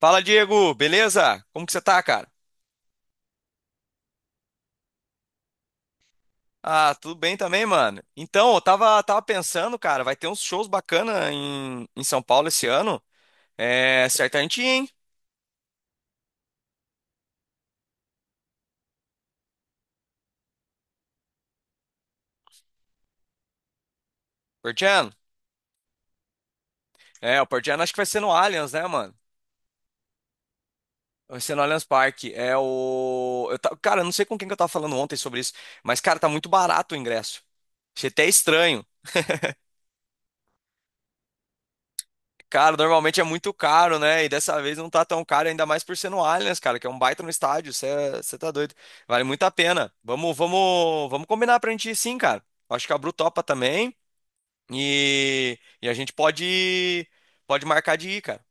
Fala, Diego, beleza? Como que você tá, cara? Ah, tudo bem também, mano. Então, eu tava pensando, cara, vai ter uns shows bacana em São Paulo esse ano. É, certamente, hein? Portiano. É, o Portiano acho que vai ser no Allianz, né, mano? Vai ser no Allianz Parque. Cara, eu não sei com quem que eu tava falando ontem sobre isso, mas, cara, tá muito barato o ingresso. Achei até estranho. Cara, normalmente é muito caro, né? E dessa vez não tá tão caro, ainda mais por ser no Allianz, cara, que é um baita no estádio. Você tá doido. Vale muito a pena. Vamos combinar pra gente ir sim, cara. Acho que a Bru topa também. E a gente pode marcar de ir, cara.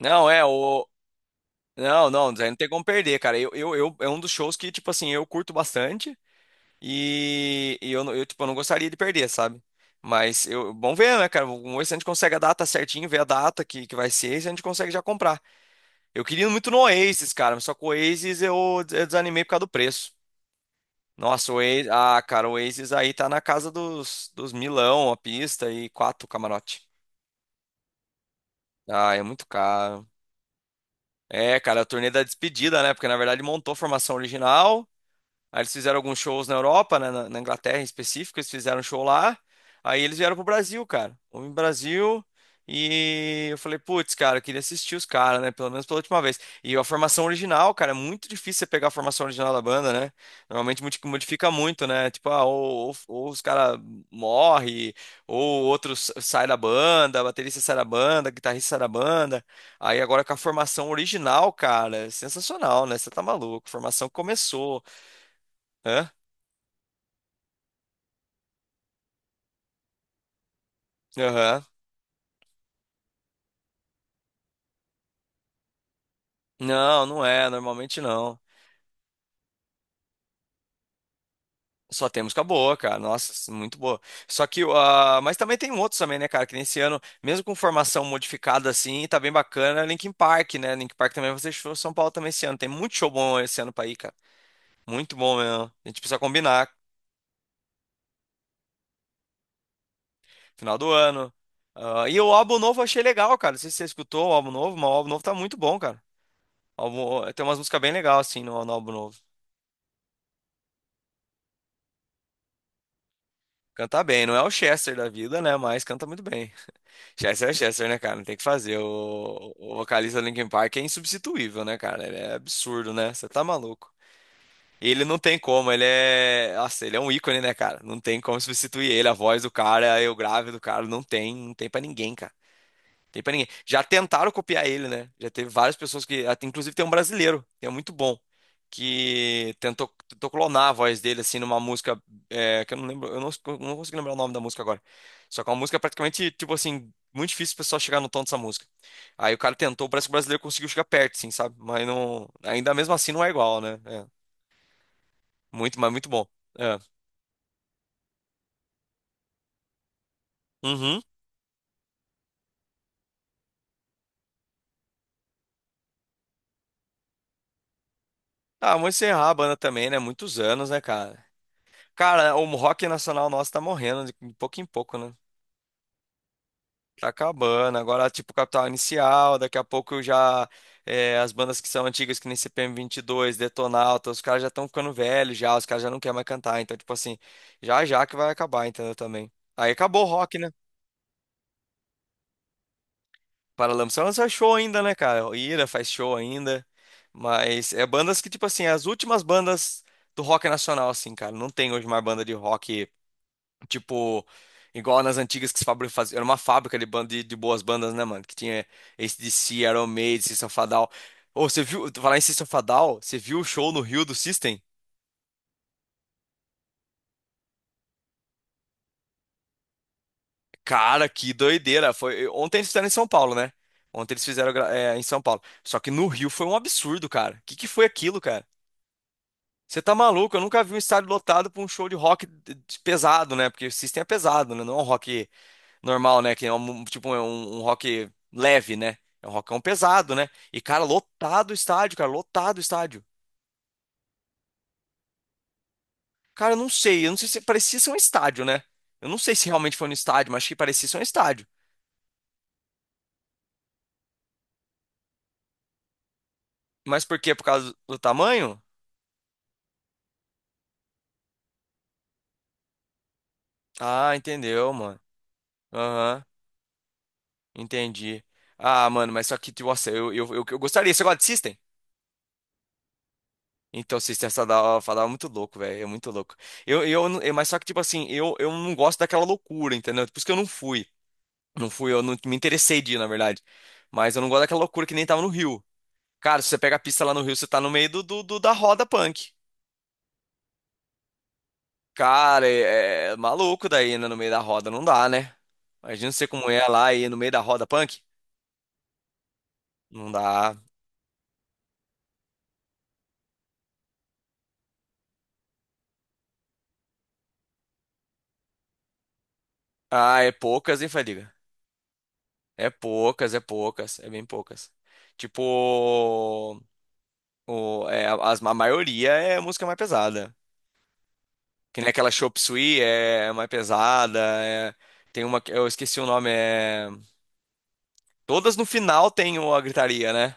Não, é, o. Não, não, Zé, não tem como perder, cara. É um dos shows que, tipo assim, eu curto bastante. E eu, eu, tipo, eu não gostaria de perder, sabe? Mas eu, bom ver, né, cara? Vamos ver se a gente consegue a data certinho, ver a data que vai ser e se a gente consegue já comprar. Eu queria muito no Oasis, cara, mas só que o Oasis eu desanimei por causa do preço. Nossa, o Oasis, ah, cara, o Oasis aí tá na casa dos milão a pista e quatro camarote. Ah, é muito caro. É, cara, a turnê da despedida, né? Porque na verdade montou a formação original. Aí eles fizeram alguns shows na Europa, né, na Inglaterra em específico, eles fizeram um show lá. Aí eles vieram pro Brasil, cara. Fomos no Brasil e eu falei, putz, cara, eu queria assistir os caras, né? Pelo menos pela última vez. E a formação original, cara, é muito difícil você pegar a formação original da banda, né? Normalmente modifica muito, né? Tipo, ah, ou os caras morrem, ou outros sai da banda, baterista sai da banda, guitarrista sai da banda. Aí agora com a formação original, cara, é sensacional, né? Você tá maluco. Formação começou. Hã? Aham. Não, não é, normalmente não. Só tem música boa, cara. Nossa, muito boa. Só que, ah, mas também tem outros também, né, cara? Que nesse ano, mesmo com formação modificada assim, tá bem bacana. Linkin Park, né? Linkin Park também vai fazer show em São Paulo também esse ano. Tem muito show bom esse ano pra ir, cara. Muito bom mesmo. A gente precisa combinar. Final do ano. Ah, e o álbum novo eu achei legal, cara. Não sei se você escutou o álbum novo, mas o álbum novo tá muito bom, cara. Tem umas músicas bem legais, assim, no álbum novo. Canta bem. Não é o Chester da vida, né? Mas canta muito bem. Chester é Chester, né, cara? Não tem o que fazer. O vocalista do Linkin Park é insubstituível, né, cara? Ele é absurdo, né? Você tá maluco. E ele não tem como, ele é. Nossa, ele é um ícone, né, cara? Não tem como substituir ele. A voz do cara, eu grave do cara, não tem, não tem pra ninguém, cara. Tem pra ninguém. Já tentaram copiar ele, né? Já teve várias pessoas que. Inclusive tem um brasileiro, que é muito bom, que tentou clonar a voz dele, assim, numa música. É, que eu não lembro. Eu não consigo lembrar o nome da música agora. Só que é uma música praticamente, tipo assim, muito difícil o pessoal chegar no tom dessa música. Aí o cara tentou, parece que o brasileiro conseguiu chegar perto, assim, sabe? Mas não. Ainda mesmo assim não é igual, né? É. Muito, mas muito bom. É. Uhum. Ah, vamos encerrar a banda também, né? Muitos anos, né, cara? Cara, o rock nacional nosso tá morrendo de pouco em pouco, né? Tá acabando. Agora, tipo, Capital Inicial, daqui a pouco já é, as bandas que são antigas, que nem CPM dois Detonauta, os caras já estão ficando velhos já, os caras já não querem mais cantar. Então, tipo assim, já que vai acabar, entendeu? Também. Aí acabou o rock, né? Paralamas só lança show ainda, né, cara? O Ira faz show ainda. Mas é bandas que, tipo assim, as últimas bandas do rock nacional, assim, cara. Não tem hoje mais banda de rock tipo, igual nas antigas que se fazia. Era uma fábrica de boas bandas, né, mano? Que tinha AC/DC, Iron Maiden, System of a Down. Ô, você viu, falar em System of a Down, você viu o show no Rio do System? Cara, que doideira. Foi, ontem eles fizeram em São Paulo, né? Ontem eles fizeram em São Paulo. Só que no Rio foi um absurdo, cara. O que que foi aquilo, cara? Você tá maluco? Eu nunca vi um estádio lotado pra um show de rock pesado, né? Porque o System é pesado, né? Não é um rock normal, né? Que é um, tipo é um rock leve, né? É um rockão pesado, né? E, cara, lotado o estádio, cara, lotado o estádio. Cara, eu não sei se parecia ser um estádio, né? Eu não sei se realmente foi no estádio, mas achei que parecia ser um estádio. Mas por quê? Por causa do tamanho? Ah, entendeu, mano. Aham, entendi. Ah, mano, mas só que, tipo, nossa, eu gostaria. Você gosta de System? Então, System Sadal falava muito louco, velho. É muito louco. Eu, não- eu- mas só que, tipo assim, eu não gosto daquela loucura, entendeu? Por isso que eu não fui. Não fui, eu não me interessei de ir, na verdade. Mas eu não gosto daquela loucura que nem tava no Rio. Cara, se você pega a pista lá no Rio, você tá no meio da roda punk. Cara, é maluco daí, né? No meio da roda, não dá, né? Imagina você como é lá e no meio da roda punk. Não dá. Ah, é poucas, hein, Fadiga? É poucas, é poucas, é bem poucas. Tipo, a maioria é música mais pesada. Que nem aquela Chop Suey é mais pesada. é- tem uma que eu esqueci o nome, é. Todas no final tem a gritaria, né?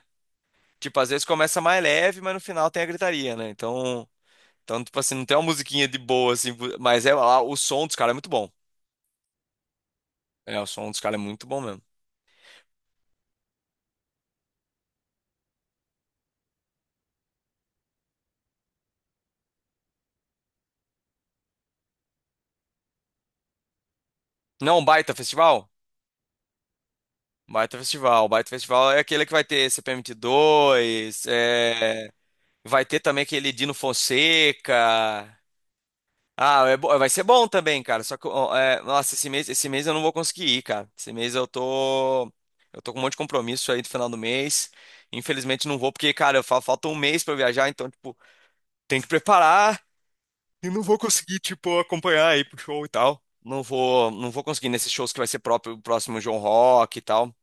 Tipo, às vezes começa mais leve, mas no final tem a gritaria, né? Então tipo assim, não tem uma musiquinha de boa, assim, mas é lá, o som dos caras é muito bom. É, o som dos caras é muito bom mesmo. Não, o Baita Festival? Um Baita Festival. Um Baita Festival é aquele que vai ter C P M T dois vai ter também aquele Dino Fonseca. Ah, vai ser bom também, cara. Só que, ó, é, nossa, esse mês eu não vou conseguir ir, cara. Esse mês eu tô com um monte de compromisso aí do final do mês. Infelizmente não vou porque, cara, falta um mês pra eu viajar, então, tipo, tem que preparar e não vou conseguir, tipo, acompanhar aí pro show e tal. Não vou conseguir nesses shows que vai ser próprio, o próximo João Rock e tal.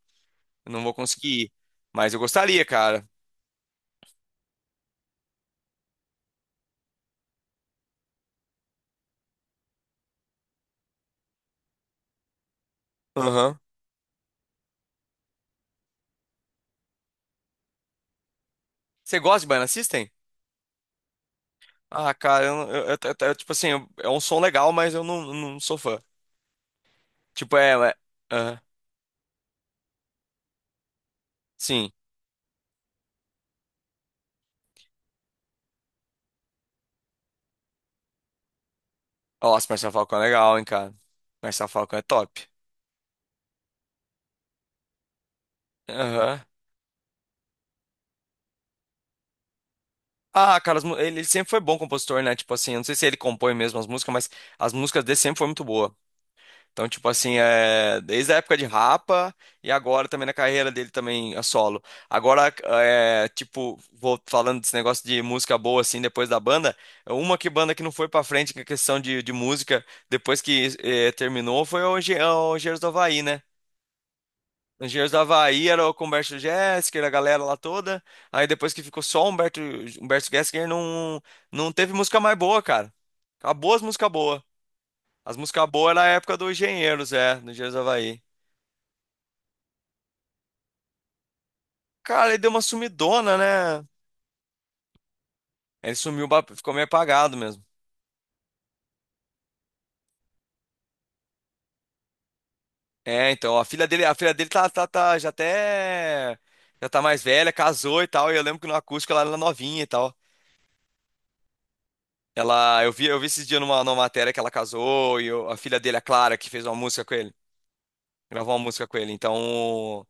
Eu não vou conseguir ir. Mas eu gostaria, cara. Aham. Você gosta de Baiana System? Ah, cara, tipo assim, é um som legal, mas eu não sou fã. Tipo, é, ué, aham, sim. Nossa, Marcelo Falcão é legal, hein, cara. Marcelo Falcão é top. Aham. Ah, cara, ele sempre foi bom compositor, né? Tipo assim, eu não sei se ele compõe mesmo as músicas, mas as músicas dele sempre foi muito boa. Então, tipo assim, é, desde a época de Rapa e agora também na carreira dele também a solo. Agora, é, tipo, vou falando desse negócio de música boa assim depois da banda, uma que banda que não foi pra frente com a questão de música depois que terminou foi o Engenheiros do Havaí, né? Engenheiros do Havaí era o com o Humberto Gessinger, a galera lá toda. Aí depois que ficou só o Humberto, Humberto Gessinger, não, não teve música mais boa, cara. Acabou as músicas boas. As músicas boas era a época do Engenheiros, é, do Engenheiros do Havaí. Cara, ele deu uma sumidona, né? Ele sumiu, ficou meio apagado mesmo. É, então, a filha dele já tá mais velha, casou e tal. E eu lembro que no acústico ela era novinha e tal. Ela, eu vi esses dias numa matéria que ela casou e a filha dele, a Clara, que fez uma música com ele. Gravou uma música com ele. Então,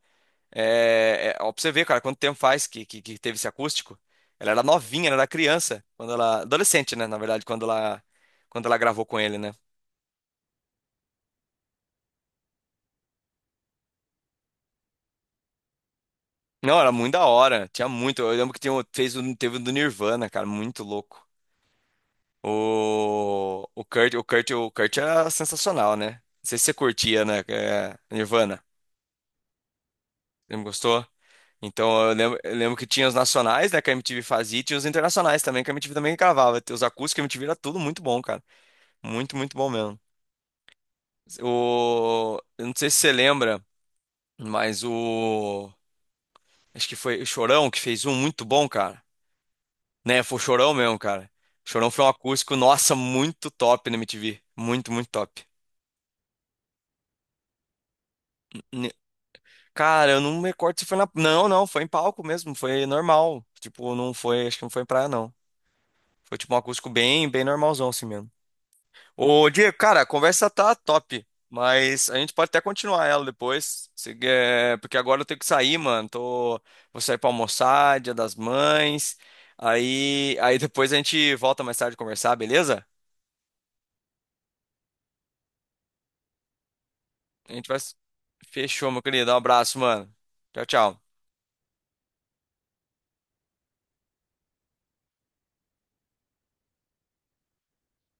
ó, pra você ver, cara, quanto tempo faz que teve esse acústico. Ela era novinha, ela era criança, quando ela, adolescente, né, na verdade, quando ela gravou com ele, né? Não, era muito da hora, tinha muito. Eu lembro que tinha, um- fez, um- teve um do Nirvana, cara, muito louco. O Kurt era sensacional, né? Não sei se você curtia, né? É, Nirvana. Você não gostou? Então eu lembro que tinha os nacionais, né, que a MTV fazia, e tinha os internacionais também, que a MTV também gravava. Os acústicos que a MTV era tudo muito bom, cara. Muito, muito bom mesmo. Eu não sei se você lembra, mas o. Acho que foi o Chorão que fez um muito bom, cara. Né, foi o Chorão mesmo, cara. O Chorão foi um acústico, nossa, muito top na MTV. Muito, muito top. N- Cara, eu não me recordo se foi na. Não, não, foi em palco mesmo, foi normal. Tipo, não foi, acho que não foi em praia, não. Foi tipo um acústico bem, bem normalzão assim mesmo. Ô, Diego, cara, a conversa tá top, mas a gente pode até continuar ela depois, se quer- porque agora eu tenho que sair, mano. Tô, vou sair pra almoçar, Dia das Mães. Aí depois a gente volta mais tarde a conversar, beleza? A gente vai. Fechou, meu querido. Um abraço, mano. Tchau, tchau.